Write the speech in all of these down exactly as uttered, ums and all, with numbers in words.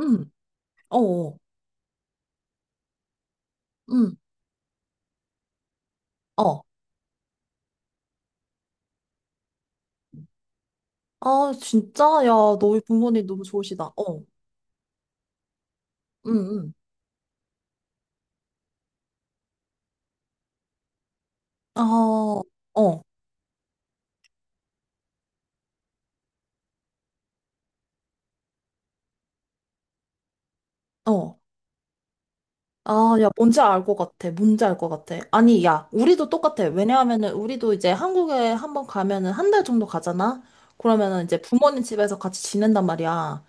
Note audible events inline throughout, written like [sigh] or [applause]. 응, 어, 어, 응, 어. 아, 진짜? 야, 너희 부모님 너무 좋으시다. 어, 응, 응. 아, 어, 어. 아, 야, 뭔지 알 것 같아. 뭔지 알 것 같아. 아니, 야, 우리도 똑같아. 왜냐하면은, 우리도 이제 한국에 한번 가면은 한 달 정도 가잖아? 그러면은 이제 부모님 집에서 같이 지낸단 말이야.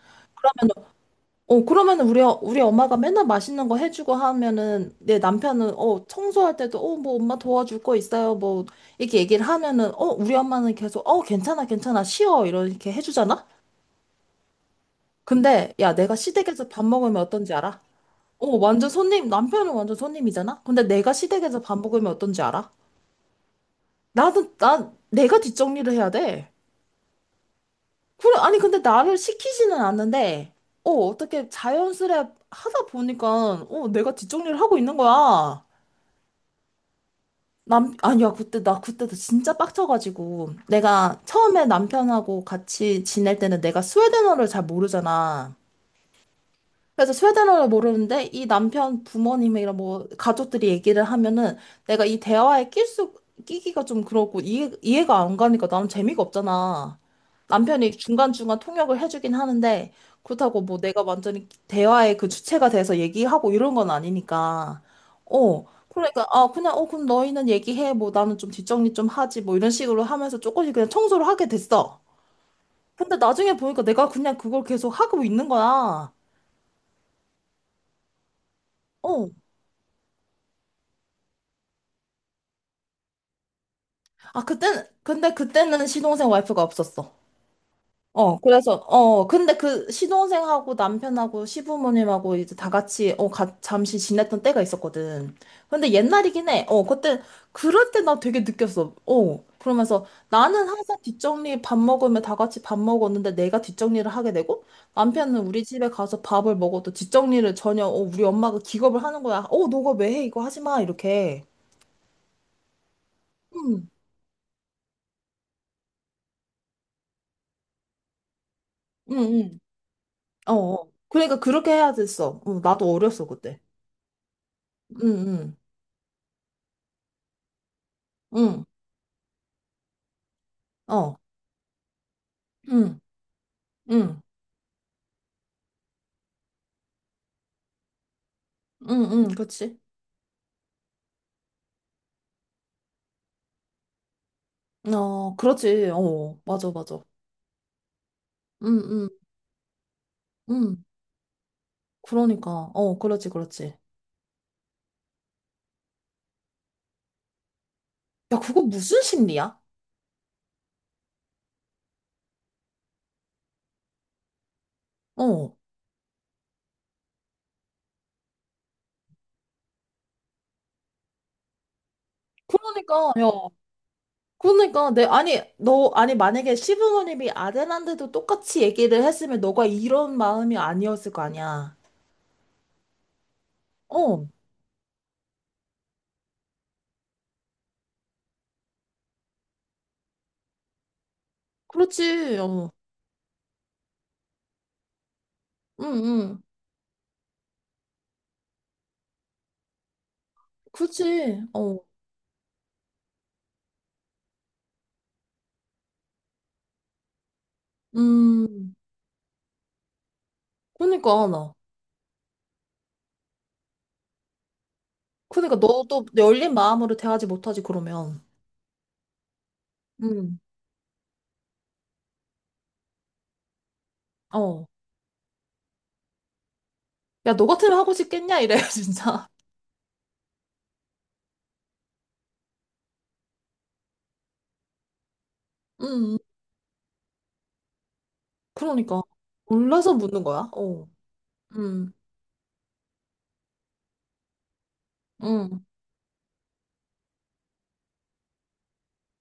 어, 그러면 우리, 어- 우리 엄마가 맨날 맛있는 거 해주고 하면은 내 남편은 어, 청소할 때도 어, 뭐 엄마 도와줄 거 있어요. 뭐 이렇게 얘기를 하면은 어, 우리 엄마는 계속 어, 괜찮아, 괜찮아, 쉬어. 이렇게 해주잖아? 근데 야, 내가 시댁에서 밥 먹으면 어떤지 알아? 어, 완전 손님, 남편은 완전 손님이잖아? 근데 내가 시댁에서 밥 먹으면 어떤지 알아? 나는, 난 내가 뒷정리를 해야 돼. 그래, 아니, 근데 나를 시키지는 않는데 어, 어떻게 자연스레 하다 보니까 어, 내가 뒷정리를 하고 있는 거야. 남, 아니야, 그때, 나 그때도 진짜 빡쳐가지고. 내가 처음에 남편하고 같이 지낼 때는 내가 스웨덴어를 잘 모르잖아. 그래서 스웨덴어를 모르는데 이 남편 부모님이랑 뭐 가족들이 얘기를 하면은 내가 이 대화에 낄 수, 끼기가 좀 그렇고 이해, 이해가 안 가니까 나는 재미가 없잖아. 남편이 중간중간 통역을 해주긴 하는데 그렇다고 뭐 내가 완전히 대화의 그 주체가 돼서 얘기하고 이런 건 아니니까. 어. 그러니까 아 그냥 어 그럼 너희는 얘기해 뭐 나는 좀 뒷정리 좀 하지 뭐 이런 식으로 하면서 조금씩 그냥 청소를 하게 됐어. 근데 나중에 보니까 내가 그냥 그걸 계속 하고 있는 거야. 어. 아, 그때, 근데 그때는 시동생 와이프가 없었어. 어, 그래서, 어, 근데 그 시동생하고 남편하고 시부모님하고 이제 다 같이, 어, 가, 잠시 지냈던 때가 있었거든. 근데 옛날이긴 해. 어, 그때, 그럴 때 나 되게 느꼈어. 어, 그러면서 나는 항상 뒷정리 밥 먹으면 다 같이 밥 먹었는데 내가 뒷정리를 하게 되고 남편은 우리 집에 가서 밥을 먹어도 뒷정리를 전혀, 어, 우리 엄마가 기겁을 하는 거야. 어, 너가 왜 해? 이거 하지 마. 이렇게. 응, 응, 응. 어, 어. 그러니까 그렇게 해야 됐어. 어, 나도 어렸어, 그때. 응, 응, 응, 어, 응, 응, 응, 응, 그치. 어, 그렇지. 어, 맞아, 맞아. 응, 응, 응. 그러니까, 어, 그렇지, 그렇지. 야, 그거 무슨 심리야? 어. 그러니까, 야, 그러니까, 내, 아니, 너, 아니, 만약에 시부모님이 아들한테도 똑같이 얘기를 했으면 너가 이런 마음이 아니었을 거 아니야. 어, 그렇지, 어, 응, 응, 그렇지, 어, 음. 그러니까 나. 그러니까 너도 열린 마음으로 대하지 못하지 그러면. 음. 어. 야, 너 같으면 하고 싶겠냐? 이래 [laughs] 진짜. 음. 그러니까 몰라서 묻는 거야. 어. 음. 음.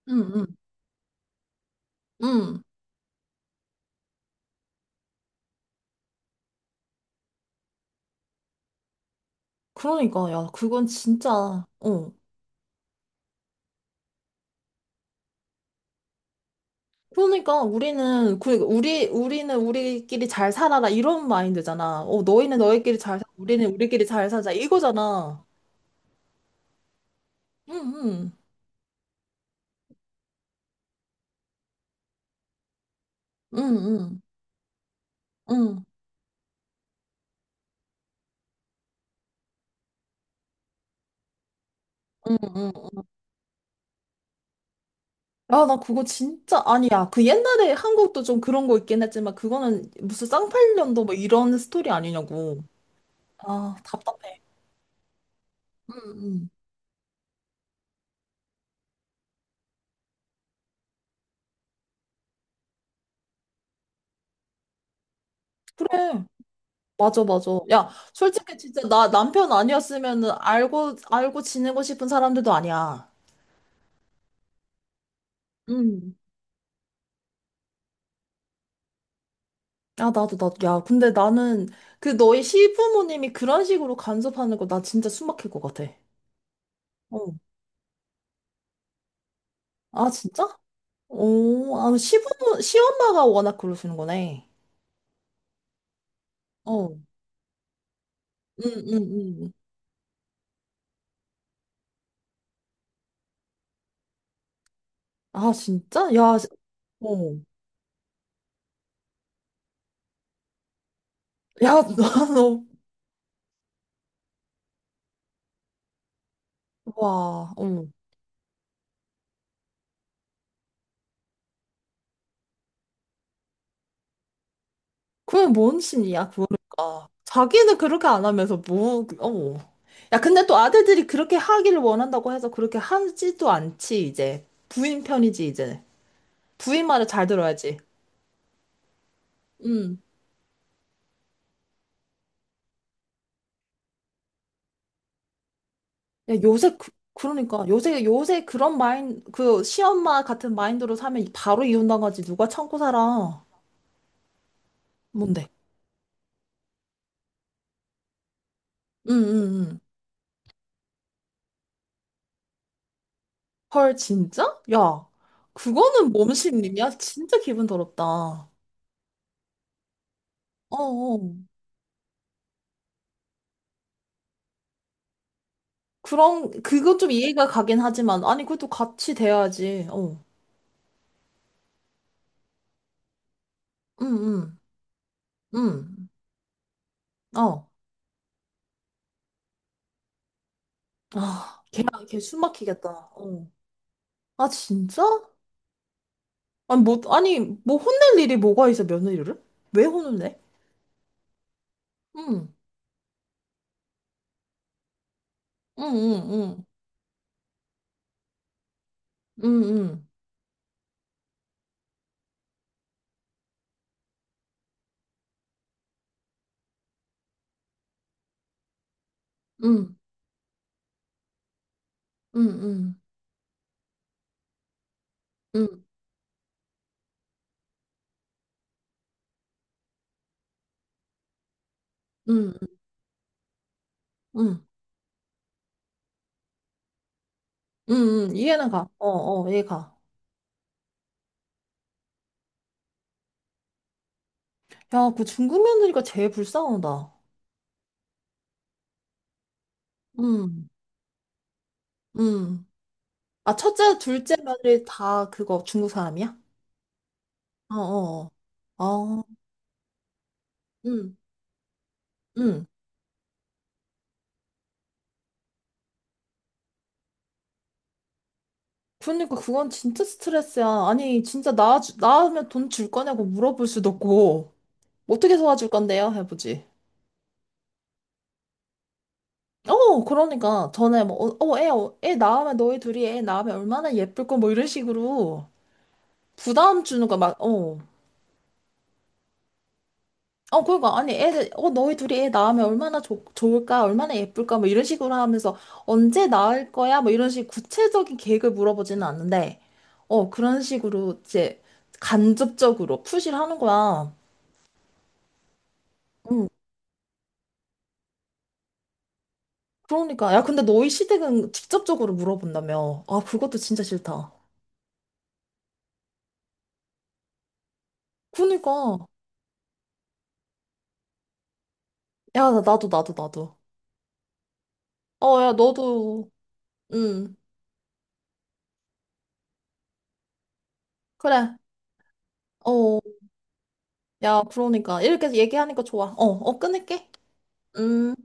음. 음. 음. 그러니까 야, 그건 진짜 어. 그러니까 우리는 그 우리 우리는 우리끼리 잘 살아라 이런 마인드잖아. 어, 너희는 너희끼리 잘 살아. 우리는 우리끼리 잘 살자. 이거잖아. 음. 음. 음. 음. 음. 음. 음. 아, 나 그거 진짜 아니야. 그 옛날에 한국도 좀 그런 거 있긴 했지만 그거는 무슨 쌍팔년도 뭐 이런 스토리 아니냐고. 아, 답답해. 응, 응. 그래. 맞아, 맞아. 야, 솔직히 진짜 나 남편 아니었으면은 알고 알고 지내고 싶은 사람들도 아니야. 응. 아, 나도 나도 야, 근데 나는 그 너희 시부모님이 그런 식으로 간섭하는 거 나 진짜 숨 막힐 것 같아. 어. 아, 진짜? 오, 아, 시부모 시엄마가 워낙 그러시는 거네. 어. 응응응 아, 진짜? 야, 시- 어. 야, [laughs] 나너 와, 어. 그게 뭔 심리야, 그러니까. 자기는 그렇게 안 하면서 뭐, 어. 야, 근데 또 아들들이 그렇게 하기를 원한다고 해서 그렇게 하지도 않지, 이제. 부인 편이지, 이제. 부인 말을 잘 들어야지. 응 야, 요새, 그, 그러니까, 요새, 요새 그런 마인, 그, 시엄마 같은 마인드로 사면 바로 이혼당하지. 누가 참고 살아. 뭔데? 응, 응, 응. 헐, 진짜? 야, 그거는 몸 심리냐? 진짜 기분 더럽다. 어, 어. 그럼, 그건 좀 이해가 가긴 하지만, 아니, 그것도 같이 돼야지. 어. 응, 응, 응. 어. 아, 걔, 걔숨 막히겠다. 어. 아, 진짜? 아니, 뭐, 아니, 뭐 혼낼 일이 뭐가 있어, 며느리를? 왜 혼을 내? 응, 응, 응, 응, 응, 응, 응, 응, 응, 응, 응, 응, 응, 응, 이해는 가. 어, 어, 이해 가. 야, 그 중국 며느리가 제일 불쌍하다. 음, 음. 아, 첫째, 둘째 며느리 다 그거 중국 사람이야? 어어어. 아, 응 응. 그러니까 그건 진짜 스트레스야. 아니, 진짜 나, 나으면 돈 줄 거냐고 물어볼 수도 없고, 어떻게 도와줄 건데요? 해보지. 어, 그러니까. 전에 뭐, 어, 어, 애, 어, 애 낳으면, 너희 둘이 애 낳으면 얼마나 예쁠 거 뭐 이런 식으로 부담 주는 거 막, 어. 어, 그러니까, 아니, 애들, 어, 너희 둘이 애 낳으면 얼마나 좋 좋을까, 얼마나 예쁠까, 뭐 이런 식으로 하면서 언제 낳을 거야, 뭐 이런 식 구체적인 계획을 물어보지는 않는데, 어, 그런 식으로 이제 간접적으로 푸시를 하는 거야. 응, 그러니까, 야, 근데 너희 시댁은 직접적으로 물어본다며. 아, 그것도 진짜 싫다. 그러니까, 야, 나- 나도, 나도, 나도. 어, 야, 너도, 응, 그래. 어, 야, 그러니까. 이렇게 얘기하니까 좋아. 어, 어, 끊을게. 음.